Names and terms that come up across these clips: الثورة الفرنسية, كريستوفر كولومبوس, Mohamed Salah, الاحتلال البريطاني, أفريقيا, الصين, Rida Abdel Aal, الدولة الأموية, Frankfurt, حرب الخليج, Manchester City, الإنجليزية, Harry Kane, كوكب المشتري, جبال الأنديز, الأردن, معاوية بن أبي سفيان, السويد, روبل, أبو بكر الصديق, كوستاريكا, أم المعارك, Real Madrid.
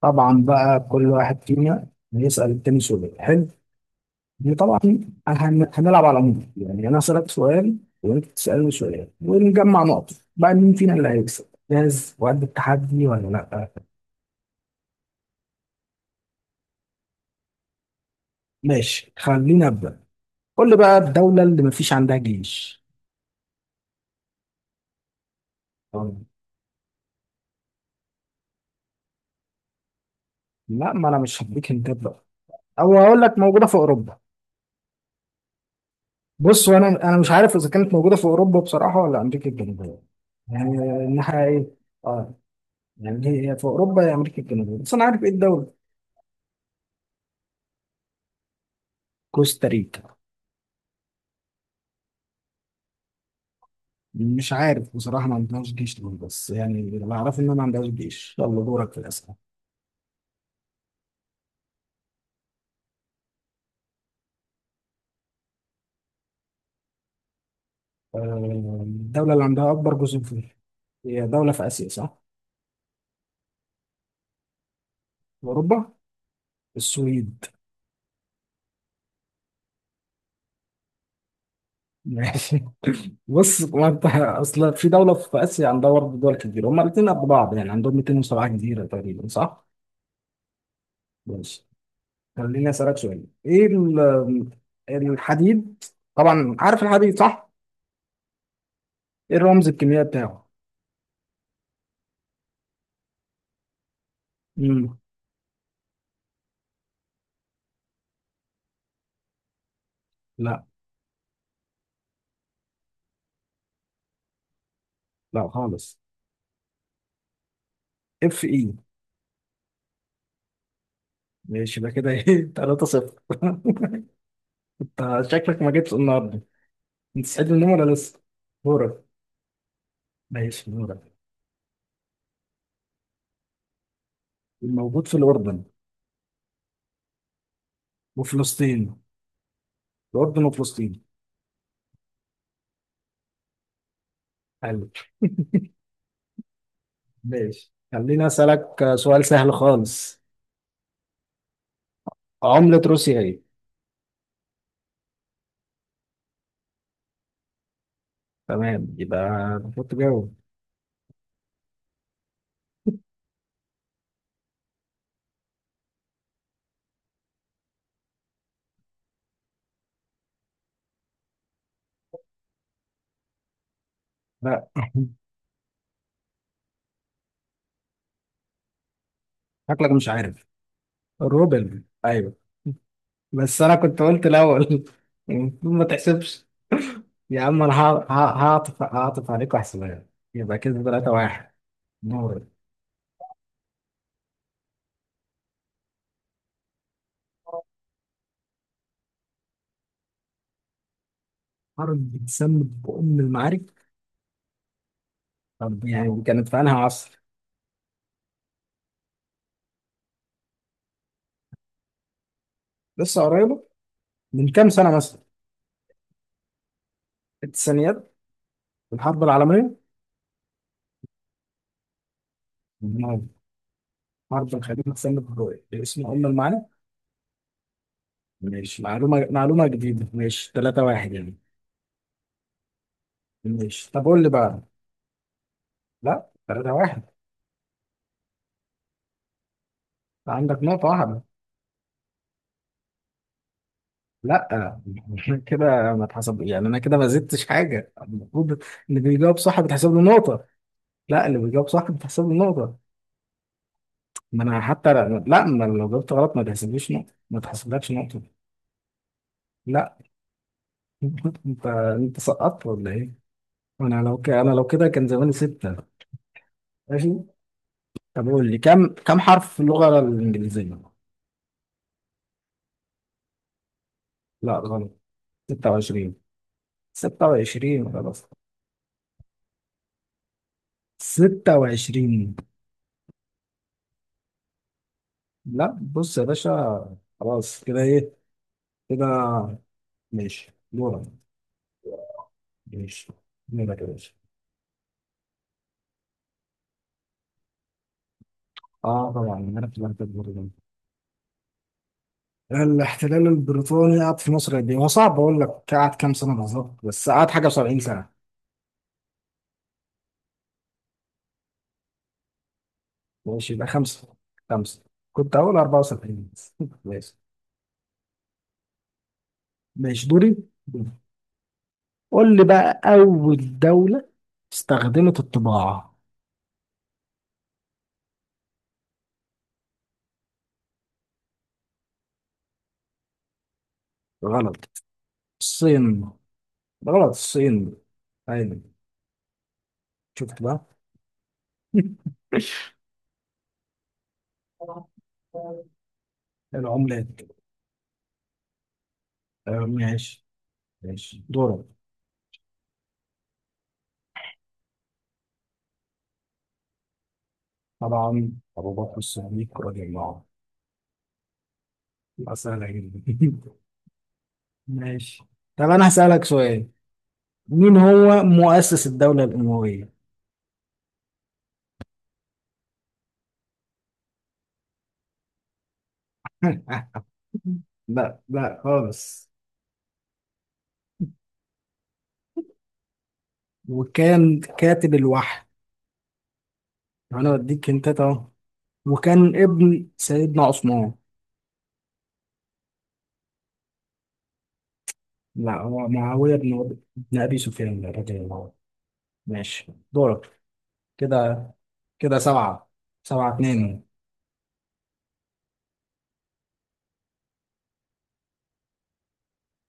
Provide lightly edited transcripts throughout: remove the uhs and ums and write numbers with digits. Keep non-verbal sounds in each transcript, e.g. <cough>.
طبعا بقى كل واحد فينا هيسأل التاني سؤال حلو. دي طبعا. هنلعب على العموم، يعني انا اسألك سؤال وانت تسألني سؤال ونجمع نقط، بقى مين فينا اللي هيكسب؟ جاهز وقد التحدي ولا لا؟ ماشي خلينا ابدا. قول لي بقى، الدولة اللي مفيش عندها جيش. طب، لا ما انا مش هديك هنتات بقى، او هقول لك موجودة في اوروبا. بص، وانا مش عارف اذا كانت موجودة في اوروبا بصراحة ولا امريكا الجنوبية، يعني الناحية ايه. آه، يعني هي في اوروبا يا امريكا الجنوبيه، بس انا عارف ايه الدوله. كوستاريكا. مش عارف بصراحه ما عندهاش جيش ليه، بس يعني اللي اعرفه ان ما عندهاش جيش. يلا دورك في الاسئله. آه، الدوله اللي عندها اكبر جزر في، هي دوله في اسيا صح؟ في اوروبا. السويد. <laughs> ماشي. بص ما انت اصلا في دوله في اسيا عندها برضه دول كتير، هما الاثنين قد بعض، يعني عندهم 207 جزيره تقريبا صح؟ ماشي، خليني اسالك سؤال. ايه الحديد، طبعا عارف الحديد صح؟ ايه الرمز الكيميائي بتاعه؟ مم. لا لا خالص. Fe. ماشي، ده كده ايه؟ <laughs> 3 0 <laughs> انت شكلك ما جيتش النهارده. انت سعيد من النوم ولا لسه؟ دورك. ماشي دورك. الموجود في الاردن وفلسطين. الاردن وفلسطين. حلو. ماشي خليني اسالك سؤال سهل خالص. عملة روسيا ايه؟ تمام يبقى، المفروض تجاوب. لا. <laughs> شكلك مش عارف. روبل، ايوه. بس انا كنت قلت الاول. <laughs> المفروض ما تحسبش. يا عم انا هعطف عليك واحسبها لك. يبقى كده 3 1. نور. حرب بتسمى بأم المعارك. طب يعني كانت في انهي عصر؟ لسه قريبة، من كام سنة مثلا؟ التسعينيات؟ الحرب العالمية؟ نور. حرب الخليج بتسمى باسم أم المعارك؟ ماشي، معلومة جديدة. ماشي 3 1 يعني. ماشي طب قول لي بقى. لا 3 1. عندك نقطة واحدة. لا. <laughs> كده ما اتحسب، يعني انا كده ما زدتش حاجة المفروض. اللي بيجاوب صح بتحسب له نقطة. لا، اللي بيجاوب صح بتحسب له نقطة. ما انا حتى، لا لا، ما لو جاوبت غلط ما تحسبليش نقطة، ما تحسبلكش نقطة. لا. <laughs> انت سقطت ولا ايه؟ انا لو كده كان زماني ستة. ماشي طب قول لي، كم حرف في اللغة الإنجليزية؟ لا غلط. 26. 26 خلاص. 26. لا بص يا باشا خلاص، كده ايه؟ كده. ماشي دورك. ماشي دورك يا باشا. اه طبعا انا في المكتب. الاحتلال البريطاني قعد في مصر قد ايه؟ هو صعب اقول لك قعد كام سنه بالظبط، بس قعد حاجه و70 سنه. ماشي يبقى خمسه. خمسه. كنت هقول 74 بس. <laughs> ماشي. ماشي دوري. قول لي بقى، اول دوله استخدمت الطباعه. غلط. الصين. غلط. الصين. ايوه. شفت بقى؟ <laughs> العملات. آه، ماشي. ماشي دورك. طبعا، ابو بكر الصديق رضي الله عنه. يبقى سهله جدا. <laughs> ماشي. طب انا هسألك سؤال، مين هو مؤسس الدولة الأموية؟ <laughs> لا لا خالص. وكان كاتب الوحي، انا بديك انت اهو. وكان ابن سيدنا عثمان. لا، هو معاوية بن ابي سفيان رضي الله عنه. ماشي دورك. كده كده سبعة. سبعة اتنين.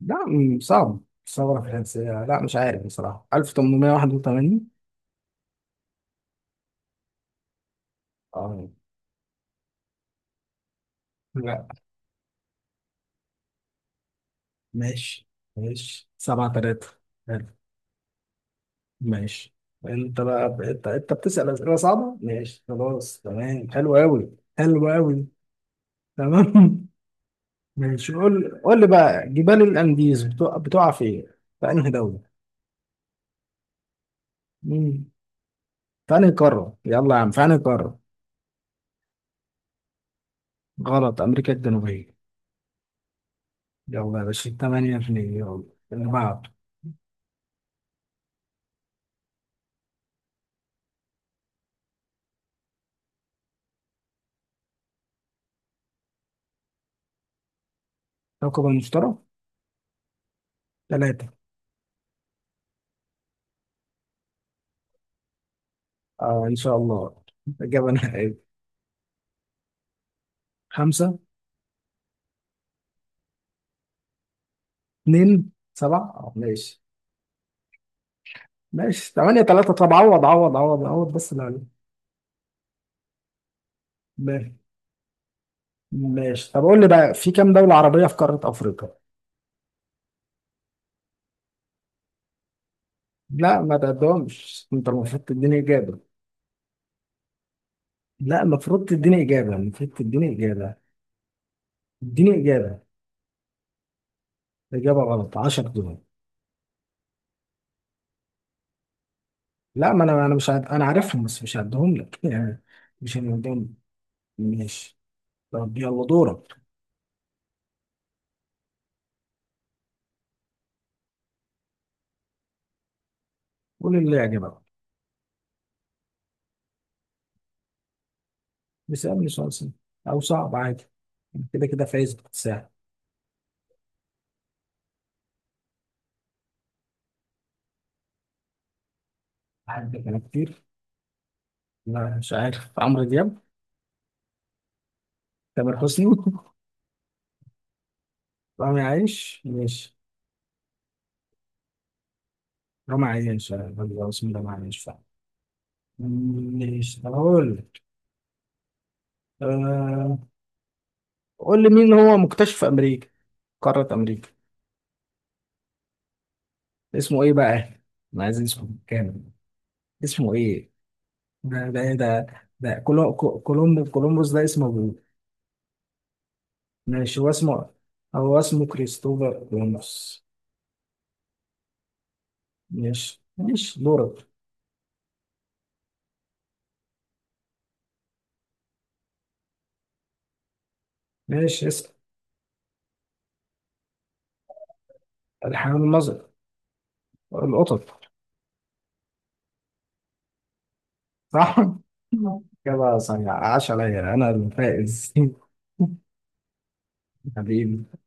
لا صعب. ثورة فرنسية، لا مش عارف بصراحة. 1881. اه. لا. ماشي. ماشي سبعة تلاتة. ماشي، انت بقى انت بتسأل أسئلة صعبة، ماشي خلاص تمام حلو قوي. حلو قوي. تمام. <laughs> ماشي، قول لي بقى، جبال الأنديز بتقع فين؟ في انهي دولة؟ مم. في انهي قارة، يلا يا عم في انهي قارة؟ غلط. أمريكا الجنوبية. يلا يا باشا 8 2، يلا اللي بعده. كوكب المشتري. ثلاثة. اه ان شاء الله. إجابة نهائية. خمسة. اتنين سبعة اه. ماشي. ماشي 8 3. طب عوض بس اللي عليك. ماشي طب قول لي بقى، في كام دولة عربية في قارة أفريقيا؟ لا ما تعدهمش، أنت المفروض تديني إجابة. لا، المفروض تديني إجابة. المفروض تديني إجابة. اديني إجابة. إجابة غلط. 10 دول. لا ما أنا مش أنا عارفهم بس مش هعدهم لك. <laughs> يعني مش هنعدهم. ماشي. طب يلا دورك. قول اللي يعجبك. اسألني سؤال سهل أو صعب عادي. أنا كده كده فايز بالساعة. أحبك أنا كتير. لا مش عارف. عمرو دياب؟ تامر حسني؟ <laughs> فاهم عايش؟ ماشي. لا معيش. آه، بسم الله معيش فعلا. ماشي هقول لك أه... قول لي مين هو مكتشف في امريكا، قارة امريكا. اسمه ايه بقى؟ انا عايز اسمه كامل. اسمه ايه؟ ده إيه ده، ده كولومبوس ده اسمه ابوه. ماشي، هو اسمه كريستوفر كولومبوس. ماشي. ماشي دورك. ماشي اسأل. الحيوان المظر، القطط. صح. <laughs> كده صحيح. عاش عليا انا الفائز. <laughs> حبيبي.